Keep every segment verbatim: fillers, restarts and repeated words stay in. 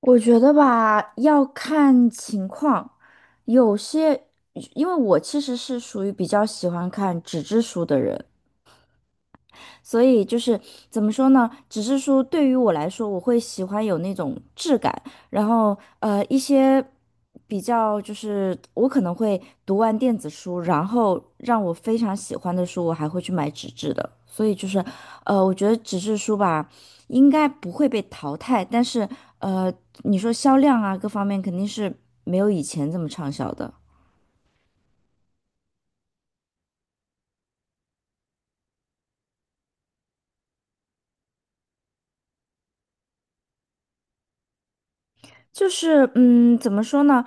我觉得吧，要看情况，有些，因为我其实是属于比较喜欢看纸质书的人，所以就是怎么说呢？只是说对于我来说，我会喜欢有那种质感，然后呃一些比较就是我可能会读完电子书，然后让我非常喜欢的书，我还会去买纸质的。所以就是呃，我觉得纸质书吧，应该不会被淘汰，但是呃，你说销量啊各方面肯定是没有以前这么畅销的。就是，嗯，怎么说呢？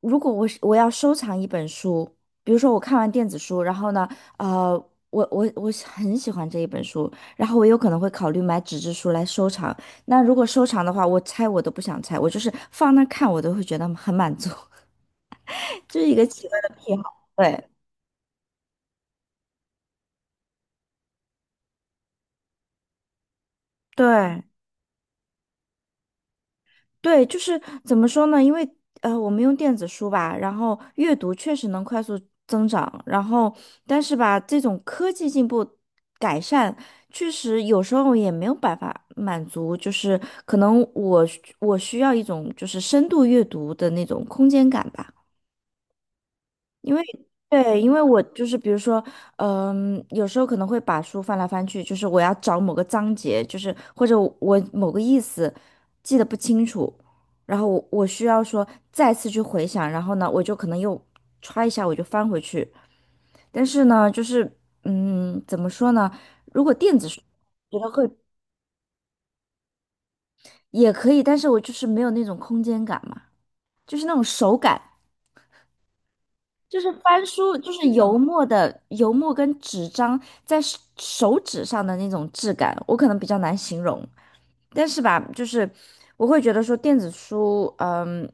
如果我是我要收藏一本书，比如说我看完电子书，然后呢，呃，我我我是很喜欢这一本书，然后我有可能会考虑买纸质书来收藏。那如果收藏的话，我拆我都不想拆，我就是放那看，我都会觉得很满足，就是一个奇怪的癖好。对对，对，就是怎么说呢？因为呃，我们用电子书吧，然后阅读确实能快速增长，然后但是吧，这种科技进步改善，确实有时候也没有办法满足，就是可能我需我需要一种就是深度阅读的那种空间感吧。因为对，因为我就是比如说，嗯、有时候可能会把书翻来翻去，就是我要找某个章节，就是或者我某个意思记得不清楚，然后我我需要说再次去回想，然后呢，我就可能又歘一下我就翻回去，但是呢，就是嗯，怎么说呢？觉得会也可以，但是我就是没有那种空间感嘛，就是那种手感。就是翻书，就是油墨的油墨跟纸张在手手指上的那种质感，我可能比较难形容。但是吧，就是我会觉得说电子书，嗯，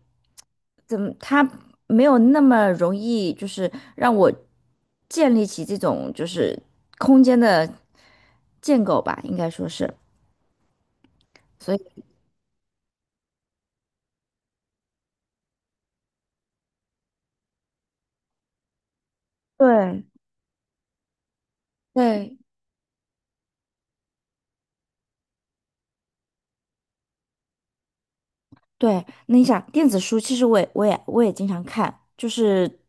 怎么它没有那么容易，就是让我建立起这种就是空间的建构吧，应该说是。所以对对，对，那你想电子书，其实我也我也我也经常看，就是，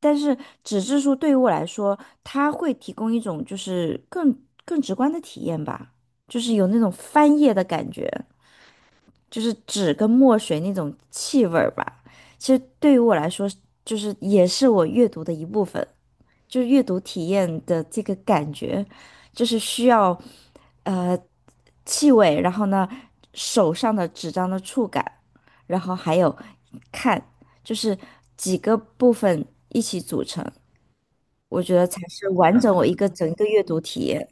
但是纸质书对于我来说，它会提供一种就是更更直观的体验吧，就是有那种翻页的感觉，就是纸跟墨水那种气味儿吧。其实对于我来说，就是也是我阅读的一部分。就阅读体验的这个感觉，就是需要呃气味，然后呢手上的纸张的触感，然后还有看，就是几个部分一起组成，我觉得才是完整我一个整个阅读体验。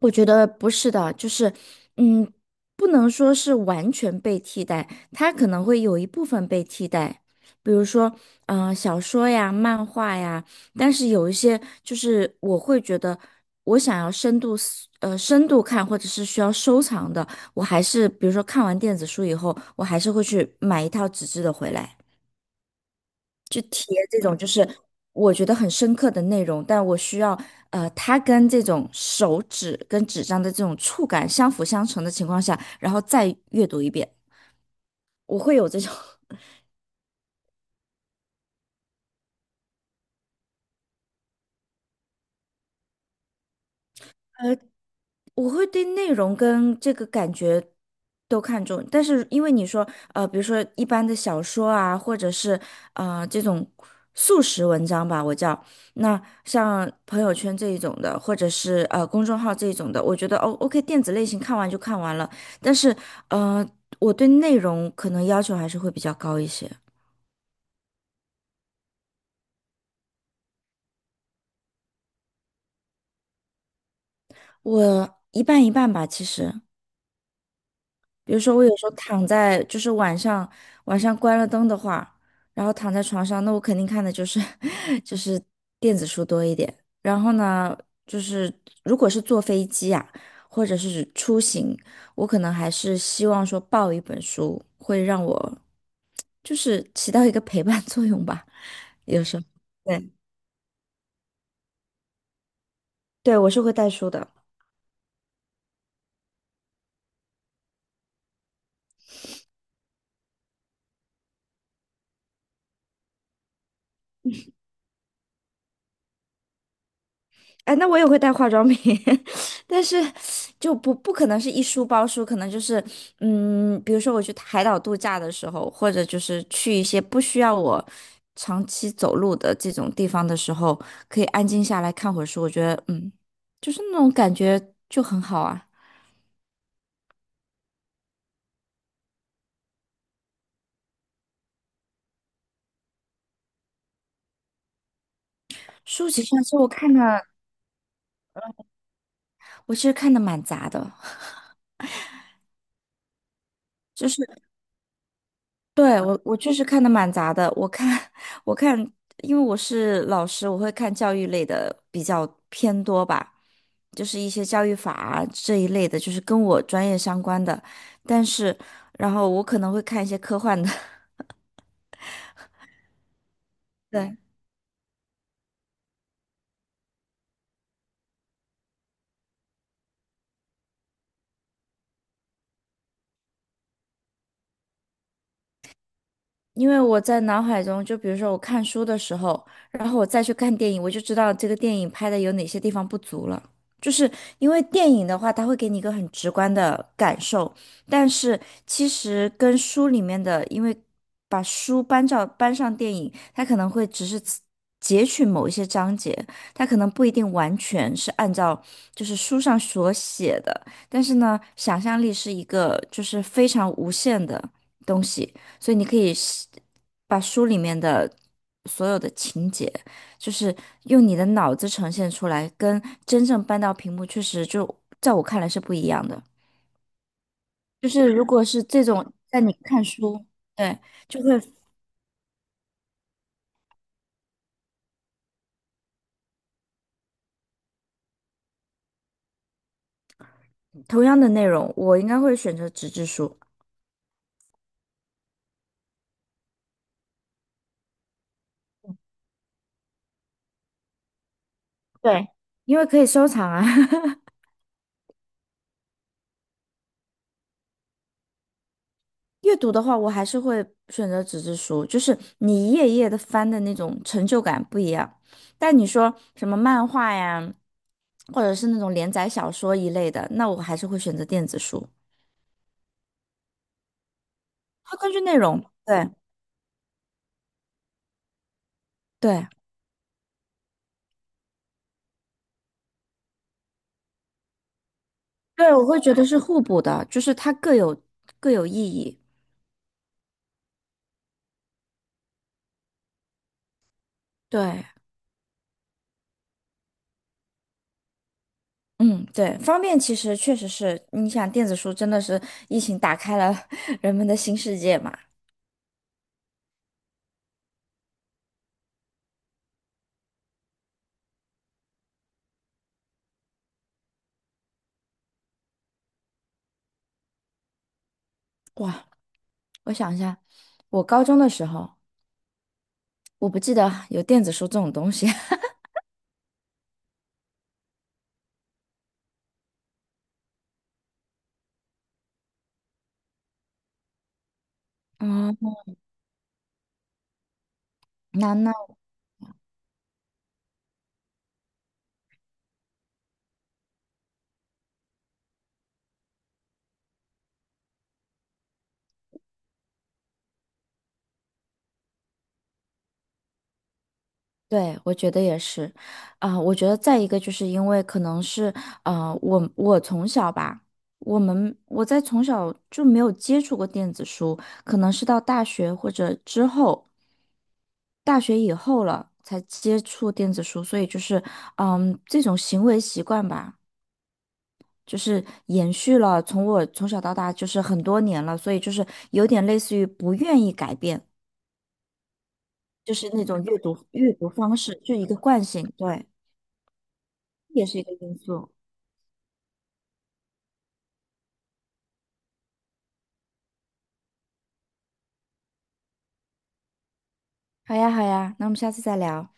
我觉得不是的，就是，嗯，不能说是完全被替代，它可能会有一部分被替代，比如说，嗯、小说呀、漫画呀，但是有一些就是我会觉得，我想要深度思呃，深度看或者是需要收藏的，我还是比如说看完电子书以后，我还是会去买一套纸质的回来。去贴这种就是我觉得很深刻的内容，但我需要呃，它跟这种手指跟纸张的这种触感相辅相成的情况下，然后再阅读一遍，我会有这种。我会对内容跟这个感觉都看重，但是因为你说，呃，比如说一般的小说啊，或者是呃这种速食文章吧，我叫那像朋友圈这一种的，或者是呃公众号这一种的，我觉得哦，OK，电子类型看完就看完了，但是呃，我对内容可能要求还是会比较高一些，我一半一半吧，其实。比如说，我有时候躺在，就是晚上晚上关了灯的话，然后躺在床上，那我肯定看的就是 就是电子书多一点。然后呢，就是如果是坐飞机啊，或者是出行，我可能还是希望说抱一本书，会让我就是起到一个陪伴作用吧。有时候，对对，我是会带书的。哎，那我也会带化妆品，但是就不不可能是一书包书，可能就是嗯，比如说我去海岛度假的时候，或者就是去一些不需要我长期走路的这种地方的时候，可以安静下来看会儿书，我觉得嗯，就是那种感觉就很好啊。书籍上其实我看的，我其实看的蛮杂的。就是。对，我我确实看的蛮杂的，我看 我看，因为我是老师，我会看教育类的比较偏多吧，就是一些教育法啊这一类的，就是跟我专业相关的。但是，然后我可能会看一些科幻的，对，因为我在脑海中，就比如说我看书的时候，然后我再去看电影，我就知道这个电影拍的有哪些地方不足了。就是因为电影的话，它会给你一个很直观的感受，但是其实跟书里面的，因为把书搬照搬上电影，它可能会只是此截取某一些章节，它可能不一定完全是按照就是书上所写的，但是呢，想象力是一个就是非常无限的东西。所以你可以是把书里面的所有的情节，就是用你的脑子呈现出来，跟真正搬到屏幕，确实就在我看来是不一样的。就是如果是这种，在你看书，对，就会同样的内容，我应该会选择纸质书，对，因为可以收藏啊。阅读的话，我还是会选择纸质书，就是你一页一页的翻的那种成就感不一样。但你说什么漫画呀，或者是那种连载小说一类的，那我还是会选择电子书。它根据内容，对对对，我会觉得是互补的，就是它各有各有意义。对，嗯，对，方便其实确实是，你想电子书真的是疫情打开了 人们的新世界嘛？哇，我想一下，我高中的时候。我不记得有电子书这种东西。嗯，那那对，我觉得也是，啊、我觉得再一个就是因为可能是，呃，我我从小吧，我们我在从小就没有接触过电子书，可能是到大学或者之后，大学以后了才接触电子书，所以就是，嗯，这种行为习惯吧，就是延续了从我从小到大就是很多年了，所以就是有点类似于不愿意改变。就是那种阅读阅读方式，就一个惯性，对，也是一个因素。好呀，好呀，那我们下次再聊。